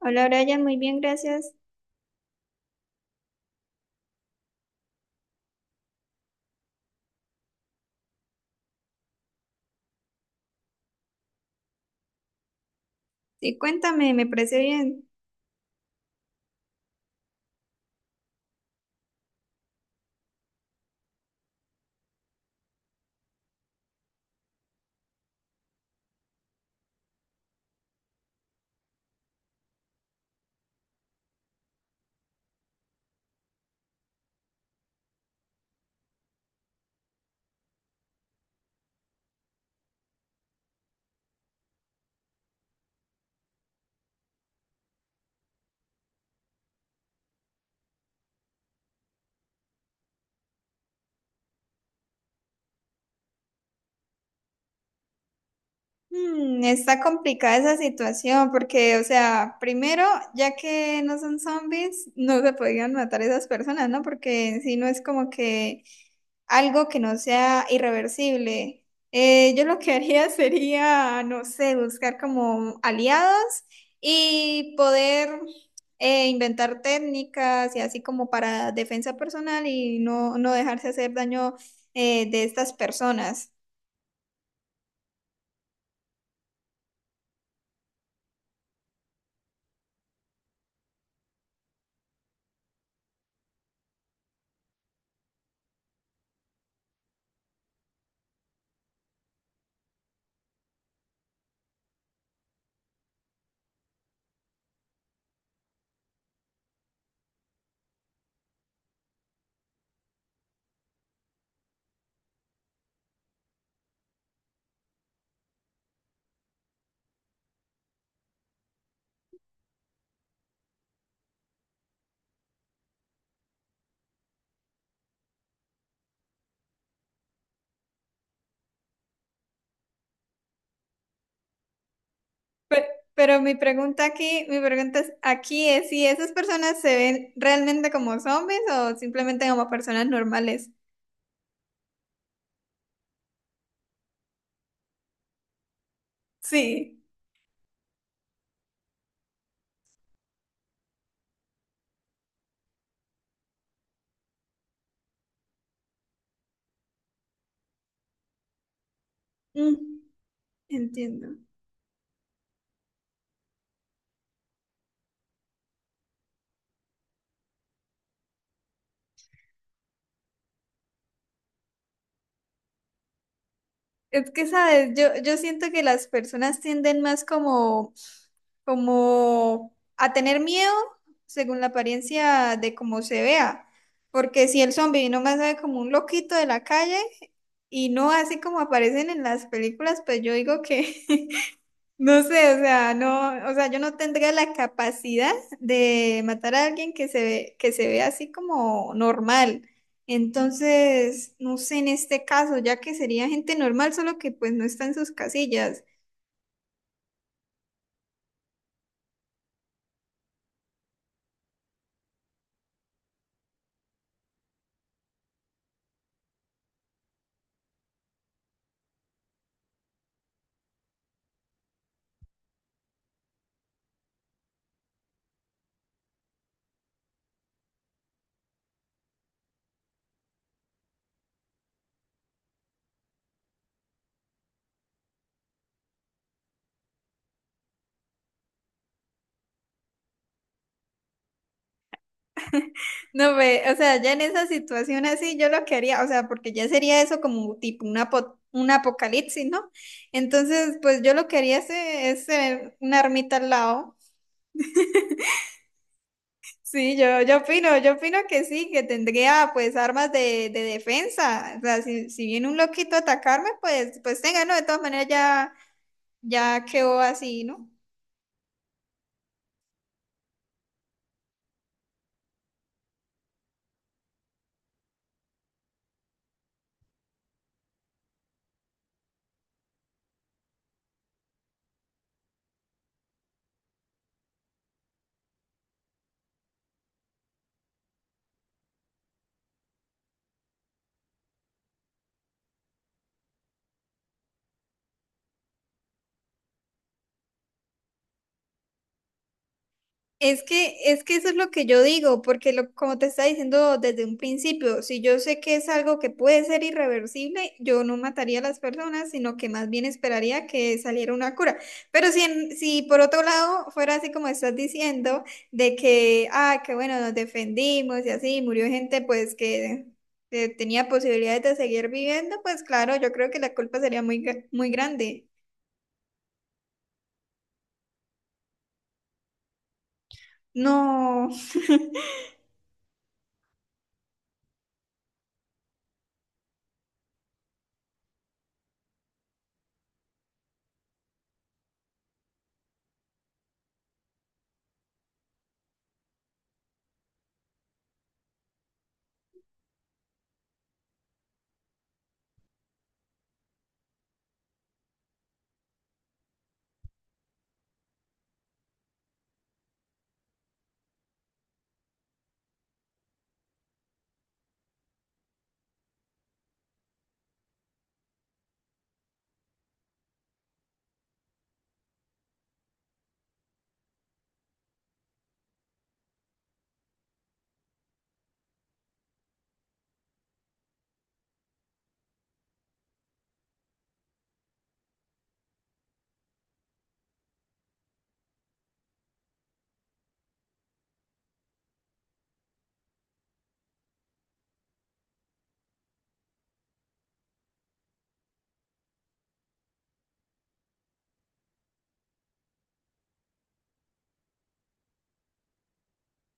Hola, Brian, muy bien, gracias. Sí, cuéntame, me parece bien. Está complicada esa situación porque, o sea, primero, ya que no son zombies, no se podían matar esas personas, ¿no? Porque si no es como que algo que no sea irreversible. Yo lo que haría sería, no sé, buscar como aliados y poder inventar técnicas y así como para defensa personal y no, no dejarse hacer daño de estas personas. Pe- Pero mi pregunta aquí, aquí es si esas personas se ven realmente como zombies o simplemente como personas normales. Sí. Mm, entiendo. Es que, ¿sabes? Yo siento que las personas tienden más como, como a tener miedo según la apariencia de cómo se vea. Porque si el zombie nomás se ve como un loquito de la calle y no así como aparecen en las películas, pues yo digo que no sé, o sea, no, o sea, yo no tendría la capacidad de matar a alguien que se ve así como normal. Entonces, no sé en este caso, ya que sería gente normal, solo que pues no está en sus casillas. No, ve, o sea, ya en esa situación así, yo lo que haría, o sea, porque ya sería eso como tipo un un apocalipsis, ¿no? Entonces, pues yo lo que haría es tener una ermita al lado. Sí, yo opino que sí, que tendría pues armas de defensa. O sea, si, si viene un loquito a atacarme, pues, pues tenga, ¿no? De todas maneras ya, ya quedó así, ¿no? Es que eso es lo que yo digo, porque lo, como te estaba diciendo desde un principio, si yo sé que es algo que puede ser irreversible, yo no mataría a las personas, sino que más bien esperaría que saliera una cura. Pero si, si por otro lado fuera así como estás diciendo, de que, ah, que bueno, nos defendimos y así, murió gente pues que tenía posibilidades de seguir viviendo, pues claro, yo creo que la culpa sería muy, muy grande. No.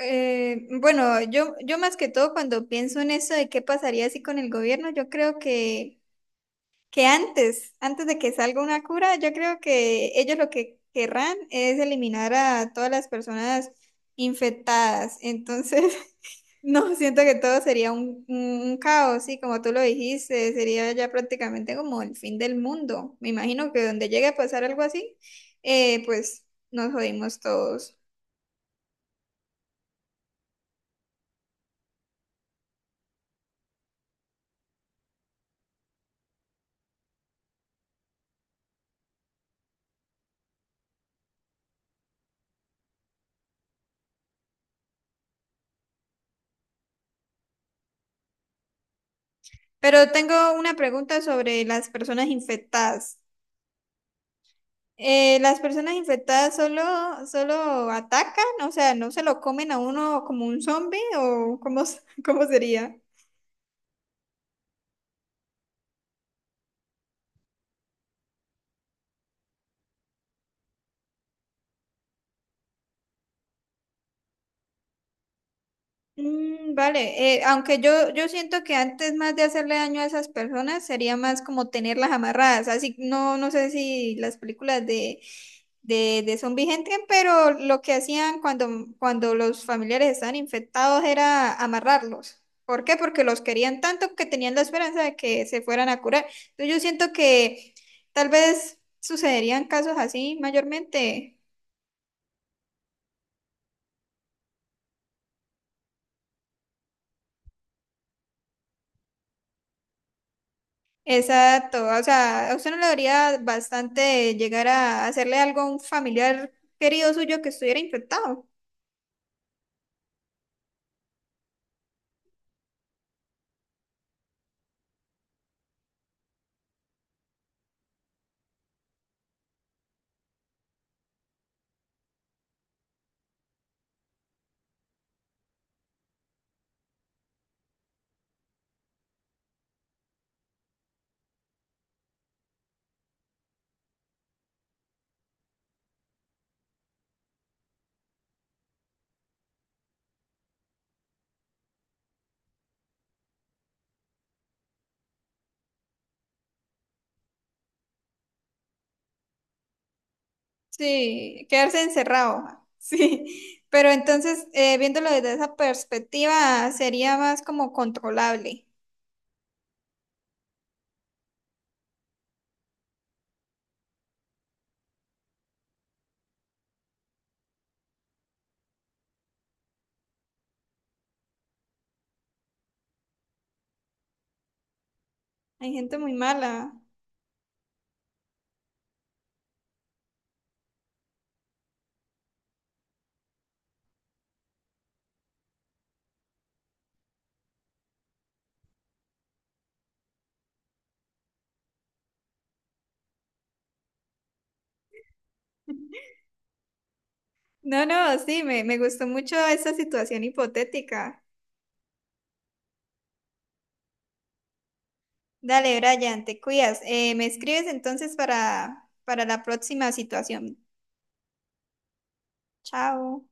Bueno, yo más que todo cuando pienso en eso de qué pasaría así con el gobierno, yo creo que antes, antes de que salga una cura, yo creo que ellos lo que querrán es eliminar a todas las personas infectadas. Entonces, no, siento que todo sería un, un caos, sí, como tú lo dijiste, sería ya prácticamente como el fin del mundo. Me imagino que donde llegue a pasar algo así, pues nos jodimos todos. Pero tengo una pregunta sobre las personas infectadas. ¿Las personas infectadas solo, solo atacan? O sea, ¿no se lo comen a uno como un zombie? ¿O cómo, cómo sería? Mm, vale, aunque yo siento que antes más de hacerle daño a esas personas sería más como tenerlas amarradas, así no, no sé si las películas de, de zombie entran, pero lo que hacían cuando, cuando los familiares estaban infectados era amarrarlos. ¿Por qué? Porque los querían tanto que tenían la esperanza de que se fueran a curar. Entonces yo siento que tal vez sucederían casos así mayormente. Exacto, o sea, a usted no le daría bastante llegar a hacerle algo a un familiar querido suyo que estuviera infectado. Sí, quedarse encerrado. Sí, pero entonces, viéndolo desde esa perspectiva, sería más como controlable. Hay gente muy mala. No, no, sí, me gustó mucho esa situación hipotética. Dale, Brian, te cuidas. Me escribes entonces para la próxima situación. Chao.